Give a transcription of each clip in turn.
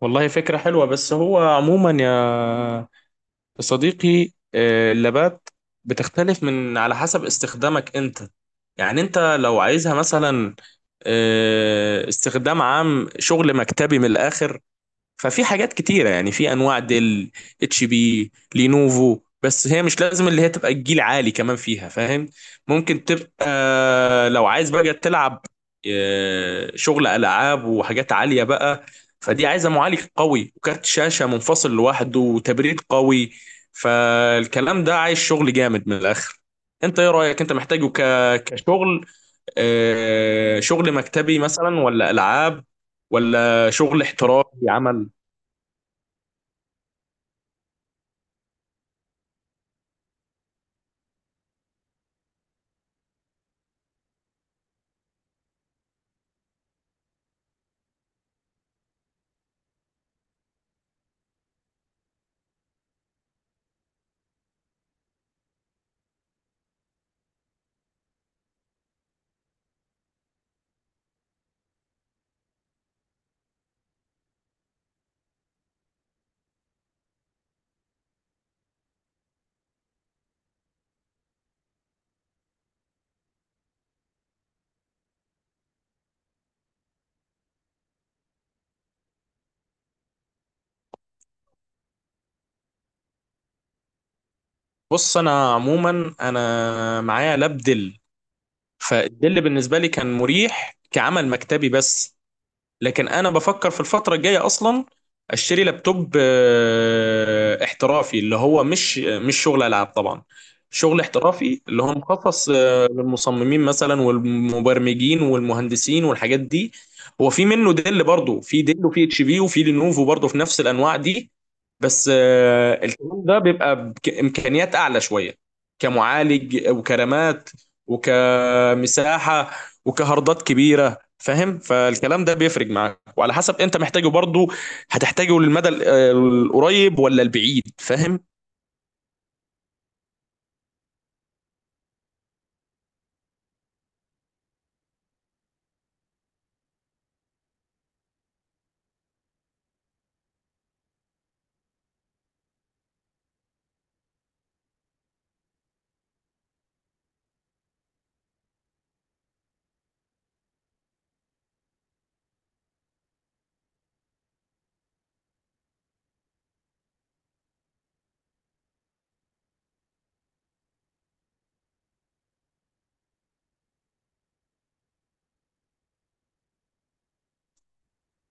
والله فكرة حلوة، بس هو عموما يا صديقي، اللابات بتختلف من على حسب استخدامك انت. يعني انت لو عايزها مثلا استخدام عام، شغل مكتبي من الاخر، ففي حاجات كتيرة. يعني في انواع ديل، اتش بي، لينوفو، بس هي مش لازم اللي هي تبقى الجيل عالي كمان فيها، فاهم؟ ممكن تبقى لو عايز بقى تلعب شغل العاب وحاجات عالية بقى، فدي عايزة معالج قوي وكارت شاشة منفصل لوحده وتبريد قوي. فالكلام ده عايز شغل جامد من الاخر. انت ايه رأيك؟ انت محتاجه كشغل شغل مكتبي مثلا، ولا العاب، ولا شغل احترافي عمل؟ بص، انا عموما انا معايا لاب دل، فالدل بالنسبه لي كان مريح كعمل مكتبي بس. لكن انا بفكر في الفتره الجايه اصلا اشتري لابتوب احترافي، اللي هو مش شغل العاب طبعا، شغل احترافي اللي هو مخصص للمصممين مثلا والمبرمجين والمهندسين والحاجات دي. هو في منه ديل برضه، في ديل وفي اتش بي وفي لينوفو، برضه في نفس الانواع دي. بس الكلام ده بيبقى بامكانيات اعلى شويه، كمعالج، وكرامات، وكمساحه، وكهاردات كبيره، فاهم؟ فالكلام ده بيفرق معاك، وعلى حسب انت محتاجه برضه هتحتاجه للمدى القريب ولا البعيد، فاهم؟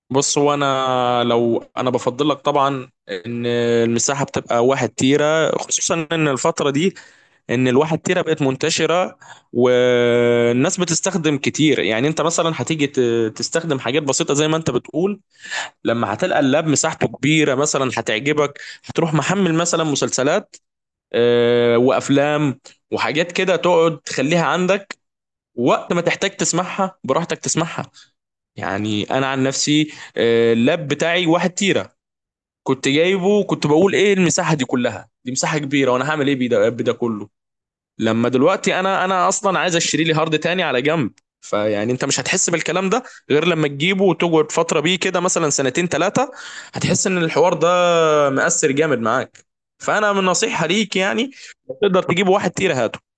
بص، هو انا لو بفضل لك طبعا ان المساحه بتبقى واحد تيرة، خصوصا ان الفتره دي ان الواحد تيرة بقت منتشره والناس بتستخدم كتير. يعني انت مثلا هتيجي تستخدم حاجات بسيطه زي ما انت بتقول، لما هتلقى اللاب مساحته كبيره مثلا هتعجبك، هتروح محمل مثلا مسلسلات وافلام وحاجات كده، تقعد تخليها عندك، وقت ما تحتاج تسمعها براحتك تسمعها. يعني انا عن نفسي اللاب بتاعي واحد تيرة، كنت جايبه، كنت بقول ايه المساحة دي كلها، دي مساحة كبيرة وانا هعمل ايه بيه باللاب ده كله. لما دلوقتي انا اصلا عايز اشتري لي هارد تاني على جنب. فيعني انت مش هتحس بالكلام ده غير لما تجيبه وتقعد فتره بيه كده، مثلا سنتين ثلاثه، هتحس ان الحوار ده مأثر جامد معاك. فانا من نصيحه ليك يعني، لو تقدر تجيب واحد تيرا هاته.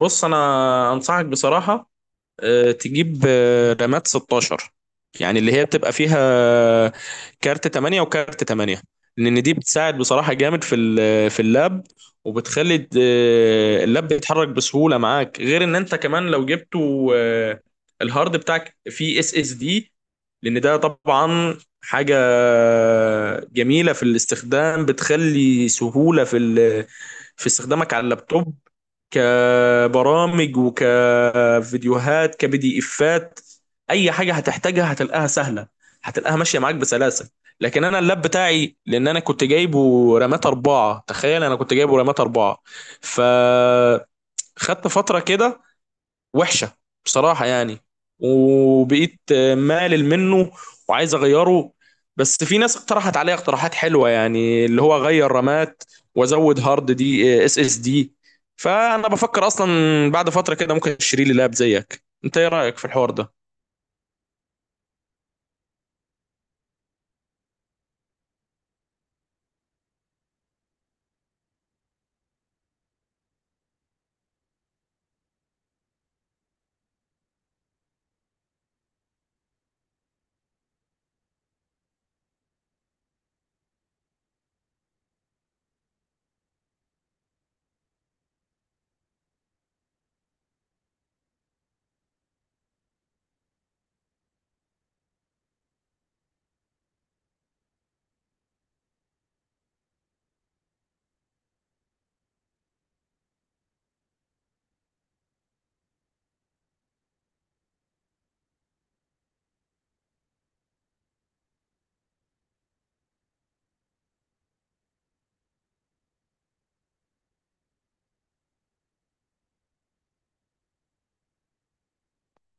بص انا انصحك بصراحه تجيب رامات 16، يعني اللي هي بتبقى فيها آه، كارت 8 وكارت 8، لان دي بتساعد بصراحة جامد في في اللاب، وبتخلي اللاب بيتحرك بسهولة معاك. غير ان انت كمان لو جبته الهارد بتاعك فيه اس اس دي، لان ده طبعا حاجة جميلة في الاستخدام، بتخلي سهولة في استخدامك على اللابتوب، كبرامج وكفيديوهات كبي افات. اي حاجه هتحتاجها هتلاقيها سهله، هتلاقيها ماشيه معاك بسلاسه. لكن انا اللاب بتاعي، لان انا كنت جايبه رامات اربعه، تخيل انا كنت جايبه رامات اربعه، فخدت فتره كده وحشه بصراحه يعني، وبقيت مالل منه وعايز اغيره. بس في ناس اقترحت عليا اقتراحات حلوه، يعني اللي هو اغير رامات وازود هارد دي اس اس دي. فانا بفكر اصلا بعد فتره كده ممكن اشتري لي لاب زيك. انت ايه رايك في الحوار ده؟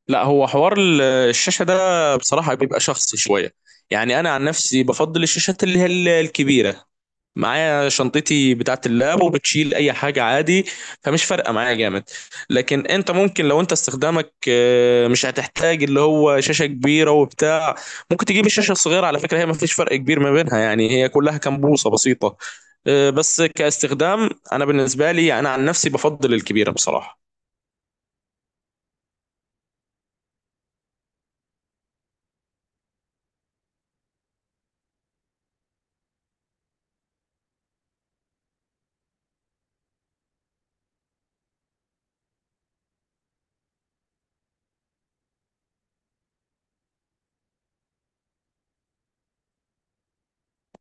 لا، هو حوار الشاشه ده بصراحه بيبقى شخصي شويه. يعني انا عن نفسي بفضل الشاشات اللي هي الكبيره، معايا شنطتي بتاعة اللاب وبتشيل اي حاجة عادي، فمش فارقة معايا جامد. لكن انت ممكن لو انت استخدامك مش هتحتاج اللي هو شاشة كبيرة وبتاع، ممكن تجيب الشاشة الصغيرة. على فكرة هي ما فيش فرق كبير ما بينها، يعني هي كلها كام بوصة بسيطة. بس كاستخدام انا بالنسبة لي انا عن نفسي بفضل الكبيرة بصراحة.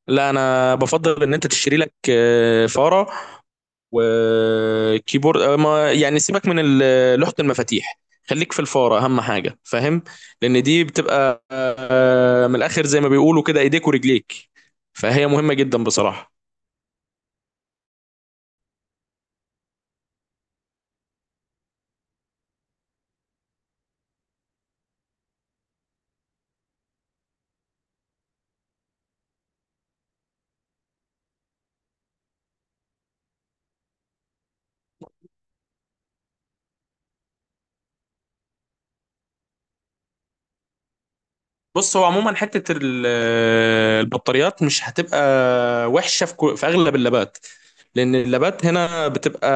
لا، انا بفضل ان انت تشتري لك فارة وكيبورد، ما يعني سيبك من لوحة المفاتيح، خليك في الفارة أهم حاجة، فاهم؟ لأن دي بتبقى من الآخر زي ما بيقولوا كده إيديك ورجليك، فهي مهمة جدا بصراحة. بص، هو عموما حته البطاريات مش هتبقى وحشه في في اغلب اللابات، لان اللابات هنا بتبقى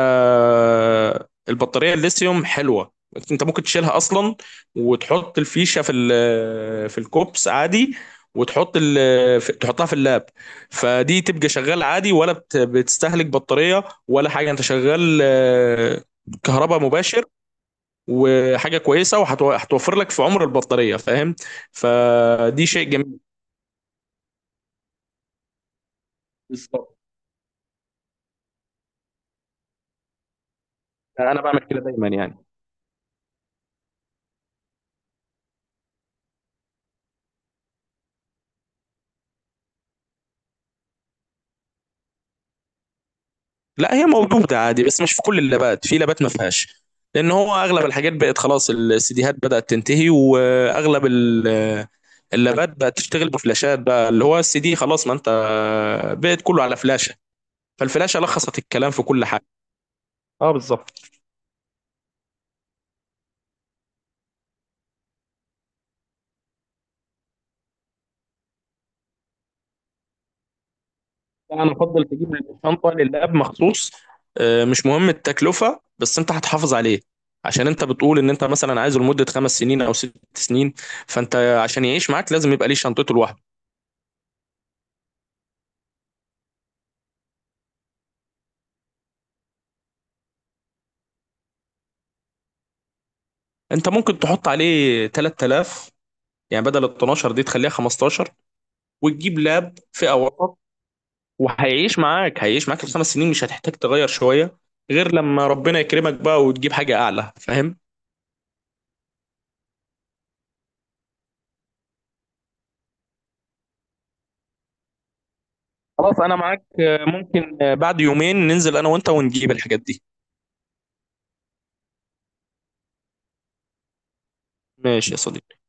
البطاريه الليثيوم حلوه. انت ممكن تشيلها اصلا، وتحط الفيشه في الكوبس عادي، وتحط تحطها في اللاب، فدي تبقى شغال عادي، ولا بتستهلك بطاريه ولا حاجه، انت شغال كهرباء مباشر، وحاجه كويسه، وهتوفر لك في عمر البطاريه، فاهم؟ فدي شيء جميل. بالظبط، انا بعمل كده دايما يعني. لا، هي موجوده عادي بس مش في كل اللابات، في لابات ما فيهاش، لان هو اغلب الحاجات بقت خلاص، السيديهات بدات تنتهي واغلب اللابات بقت تشتغل بفلاشات بقى، اللي هو السي دي خلاص. ما انت بقت كله على فلاشه، فالفلاشه لخصت الكلام في كل حاجه. اه بالظبط. انا افضل تجيب شنطه للاب مخصوص، مش مهم التكلفه، بس انت هتحافظ عليه، عشان انت بتقول ان انت مثلا عايزه لمده 5 سنين او 6 سنين، فانت عشان يعيش معاك لازم يبقى ليه شنطته لوحده. انت ممكن تحط عليه 3000، يعني بدل ال 12 دي تخليها 15، وتجيب لاب فئه وسط، وهيعيش معاك، هيعيش معاك الخمس سنين مش هتحتاج تغير شويه، غير لما ربنا يكرمك بقى وتجيب حاجه اعلى، فاهم؟ خلاص، انا معاك. ممكن بعد يومين ننزل انا وانت ونجيب الحاجات دي. ماشي يا صديقي.